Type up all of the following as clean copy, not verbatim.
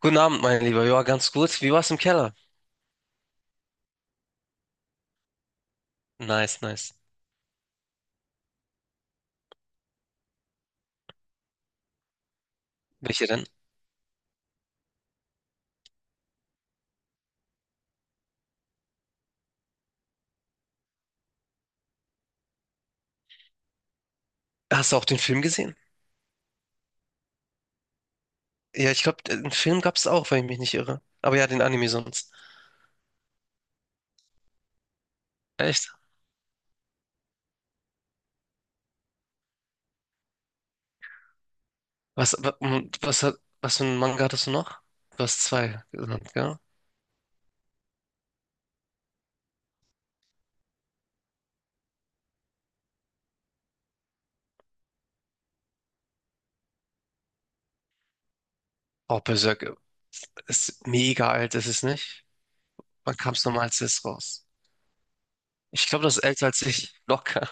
Guten Abend, mein Lieber. Ja, ganz gut. Wie war's im Keller? Nice, nice. Welche denn? Hast du auch den Film gesehen? Ja, ich glaube, den Film gab's auch, wenn ich mich nicht irre. Aber ja, den Anime sonst. Echt? Was, wa- und was, hat- was für einen Manga hattest du noch? Du hast zwei genannt, gell? Oh, Berserk ist mega alt, ist es nicht? Wann kam's nochmal als es raus? Ich glaube, das ist älter als ich. Locker.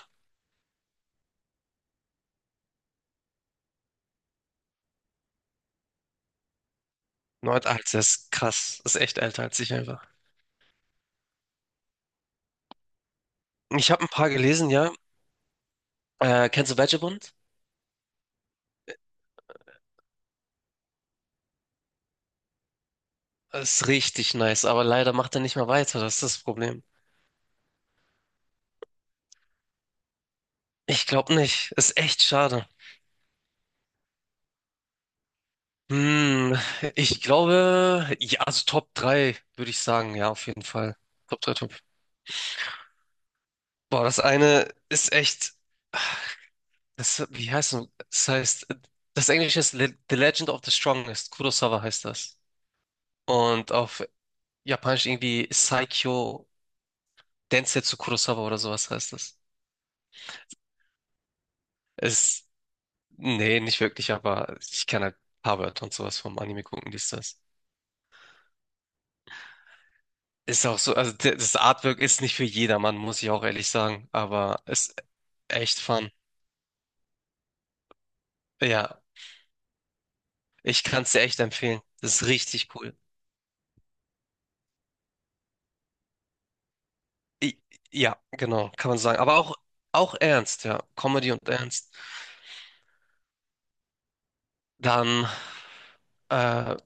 Neun alt, das ist krass. Das ist echt älter als ich einfach. Ich habe ein paar gelesen, ja. Kennst du Vagabond? Ist richtig nice, aber leider macht er nicht mehr weiter, das ist das Problem. Ich glaube nicht. Ist echt schade. Hm, ich glaube, ja, also Top 3 würde ich sagen, ja, auf jeden Fall. Top 3, Top. Boah, das eine ist echt, das, wie heißt es? Das heißt, das Englische ist Le The Legend of the Strongest. Kurosawa heißt das. Und auf Japanisch irgendwie Saikyo Densetsu Kurosawa oder sowas heißt das. Es, Nee, nicht wirklich, aber ich kann halt ein paar Wörter und sowas vom Anime gucken, dies, das. Ist auch so, also das Artwork ist nicht für jedermann, muss ich auch ehrlich sagen, aber ist echt fun. Ja, ich kann es dir echt empfehlen. Das ist richtig cool. I ja, genau, kann man sagen. Aber auch ernst, ja. Comedy und ernst. Dann äh,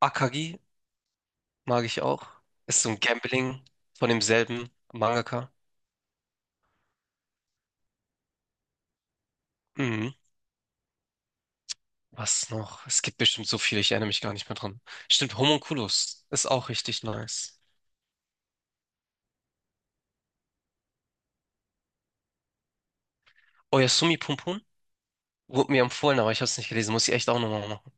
Akagi mag ich auch. Ist so ein Gambling von demselben Mangaka. Mhm. Was noch? Es gibt bestimmt so viele, ich erinnere mich gar nicht mehr dran. Stimmt, Homunculus ist auch richtig nice. Oyasumi Pum Pum? Wurde mir empfohlen, aber ich habe es nicht gelesen. Muss ich echt auch nochmal machen.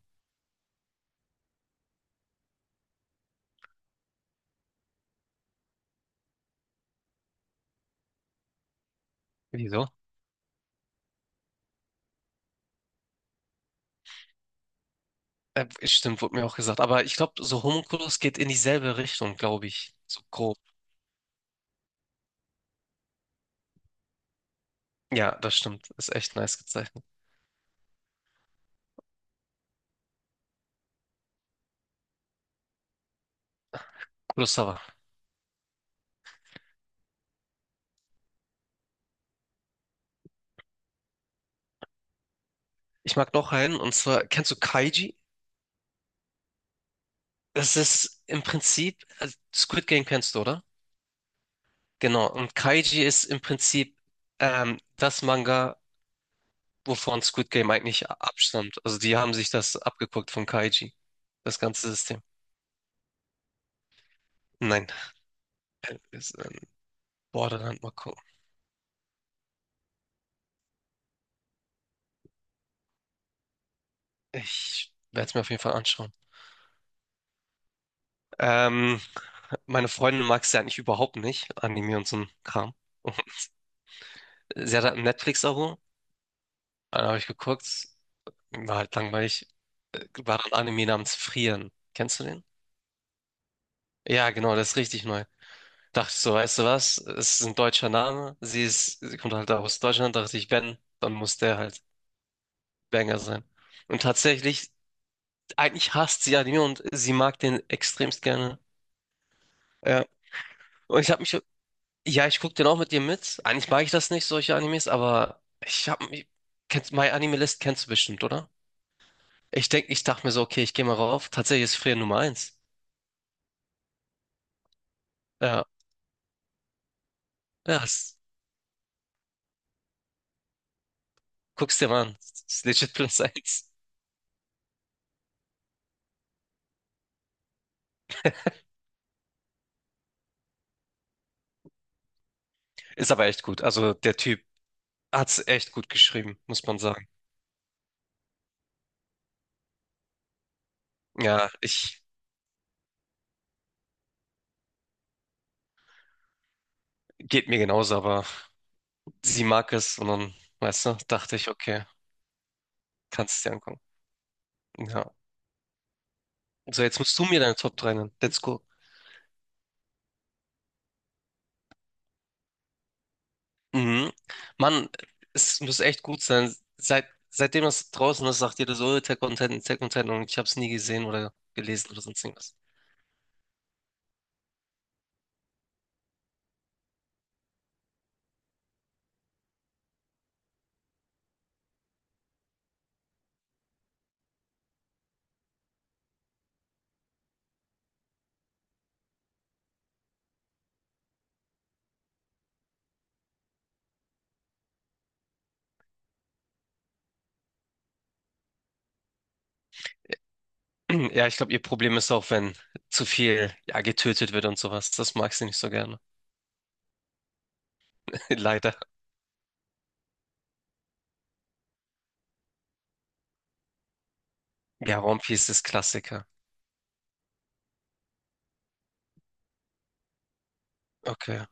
Wieso? Stimmt, wurde mir auch gesagt. Aber ich glaube, so Homunculus geht in dieselbe Richtung, glaube ich. So grob. Ja, das stimmt. Ist echt nice gezeichnet. Kurosawa. Ich mag noch einen, und zwar, kennst du Kaiji? Das ist im Prinzip, also Squid Game kennst du, oder? Genau. Und Kaiji ist im Prinzip das Manga, wovon Squid Game eigentlich abstammt. Also die haben sich das abgeguckt von Kaiji. Das ganze System. Nein, Äh, ist, ähm, Borderland mal gucken. Ich werde es mir auf jeden Fall anschauen. Ähm, meine Freundin mag es ja eigentlich überhaupt nicht, Anime und so ein Kram. Sie hat halt ein Netflix-Abo, dann habe ich geguckt, war halt langweilig. War ein Anime namens Frieren. Kennst du den? Ja, genau, das ist richtig neu. Dachte ich so, weißt du was? Es ist ein deutscher Name. Sie kommt halt aus Deutschland. Dachte ich, wenn, dann muss der halt Banger sein. Und tatsächlich, eigentlich hasst sie Anime und sie mag den extremst gerne. Ja. Und ich habe mich Ja, ich guck den auch mit dir mit. Eigentlich mag ich das nicht, solche Animes, aber ich hab mich. My Anime List kennst du bestimmt, oder? Ich dachte mir so, okay, ich gehe mal rauf. Tatsächlich ist Frieren Nummer eins. Ja, ja, guck's dir mal an. Es ist legit Platz eins. Ist aber echt gut. Also der Typ hat's echt gut geschrieben, muss man sagen. Ja, ich geht mir genauso, aber sie mag es und dann, weißt du, dachte ich, okay, kannst es dir angucken. Ja. So, jetzt musst du mir deine Top 3 nennen. Let's go. Mhm. Mann, es muss echt gut sein. Seitdem das draußen ist, sagt jeder so, "Oh, Tech Content, Tech Content und ich habe es nie gesehen oder gelesen oder sonst irgendwas. Ja, ich glaube, ihr Problem ist auch, wenn zu viel ja, getötet wird und sowas. Das mag sie nicht so gerne. Leider. Ja, One Piece ist Klassiker. Okay.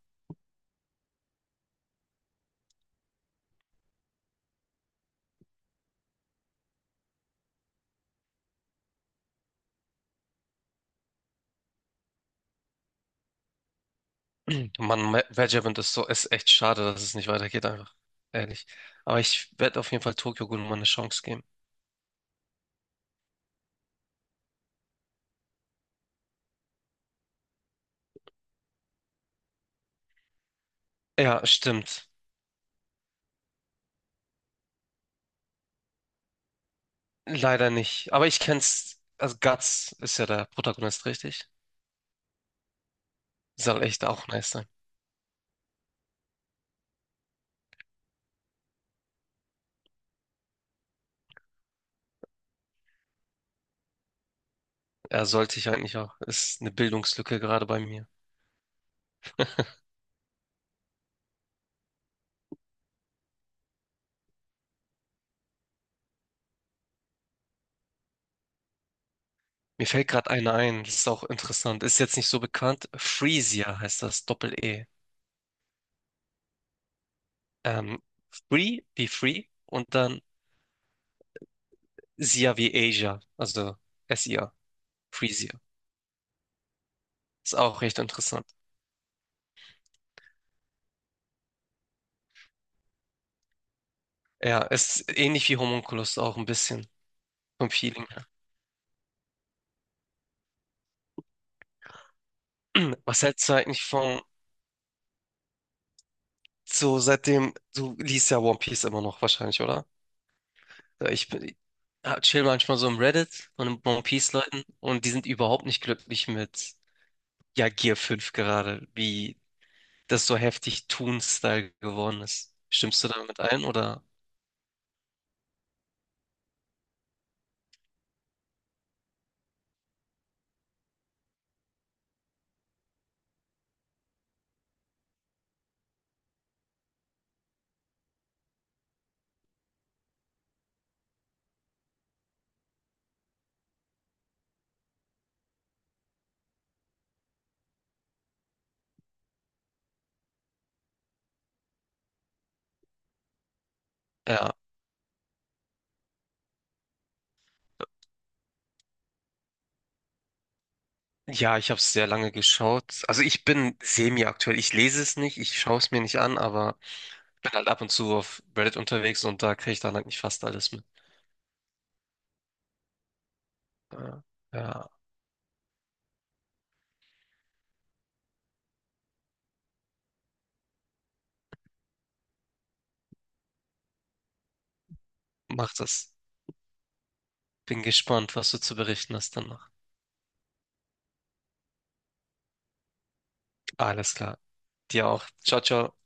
Mann, Vagabond ist echt schade, dass es nicht weitergeht, einfach. Ehrlich. Aber ich werde auf jeden Fall Tokyo Ghoul mal eine Chance geben. Ja, stimmt. Leider nicht. Aber ich kenn's. Also Guts ist ja der Protagonist, richtig? Soll echt auch nice sein. Er sollte ich eigentlich auch. Ist eine Bildungslücke gerade bei mir. Mir fällt gerade einer ein. Das ist auch interessant. Ist jetzt nicht so bekannt. Freesia heißt das. Doppel-E. Ähm, Free wie Free und dann Sia wie Asia. Also Sia. Freesia. Ist auch recht interessant. Ja, ist ähnlich wie Homunculus auch ein bisschen vom Feeling her. Was hältst du eigentlich von So, seitdem, du liest ja One Piece immer noch wahrscheinlich, oder? Ja, Ich bin, ja, chill manchmal so im Reddit von den One Piece-Leuten und die sind überhaupt nicht glücklich mit, ja, Gear fünf gerade, wie das so heftig Toon-Style geworden ist. Stimmst du damit ein, oder? Ja, ja, ich habe es sehr lange geschaut. Also ich bin semi-aktuell. Ich lese es nicht, ich schaue es mir nicht an, aber bin halt ab und zu auf Reddit unterwegs und da kriege ich dann halt nicht fast alles mit. Ja, ja, mach das. Bin gespannt, was du zu berichten hast dann. Alles klar. Dir auch. Ciao, ciao.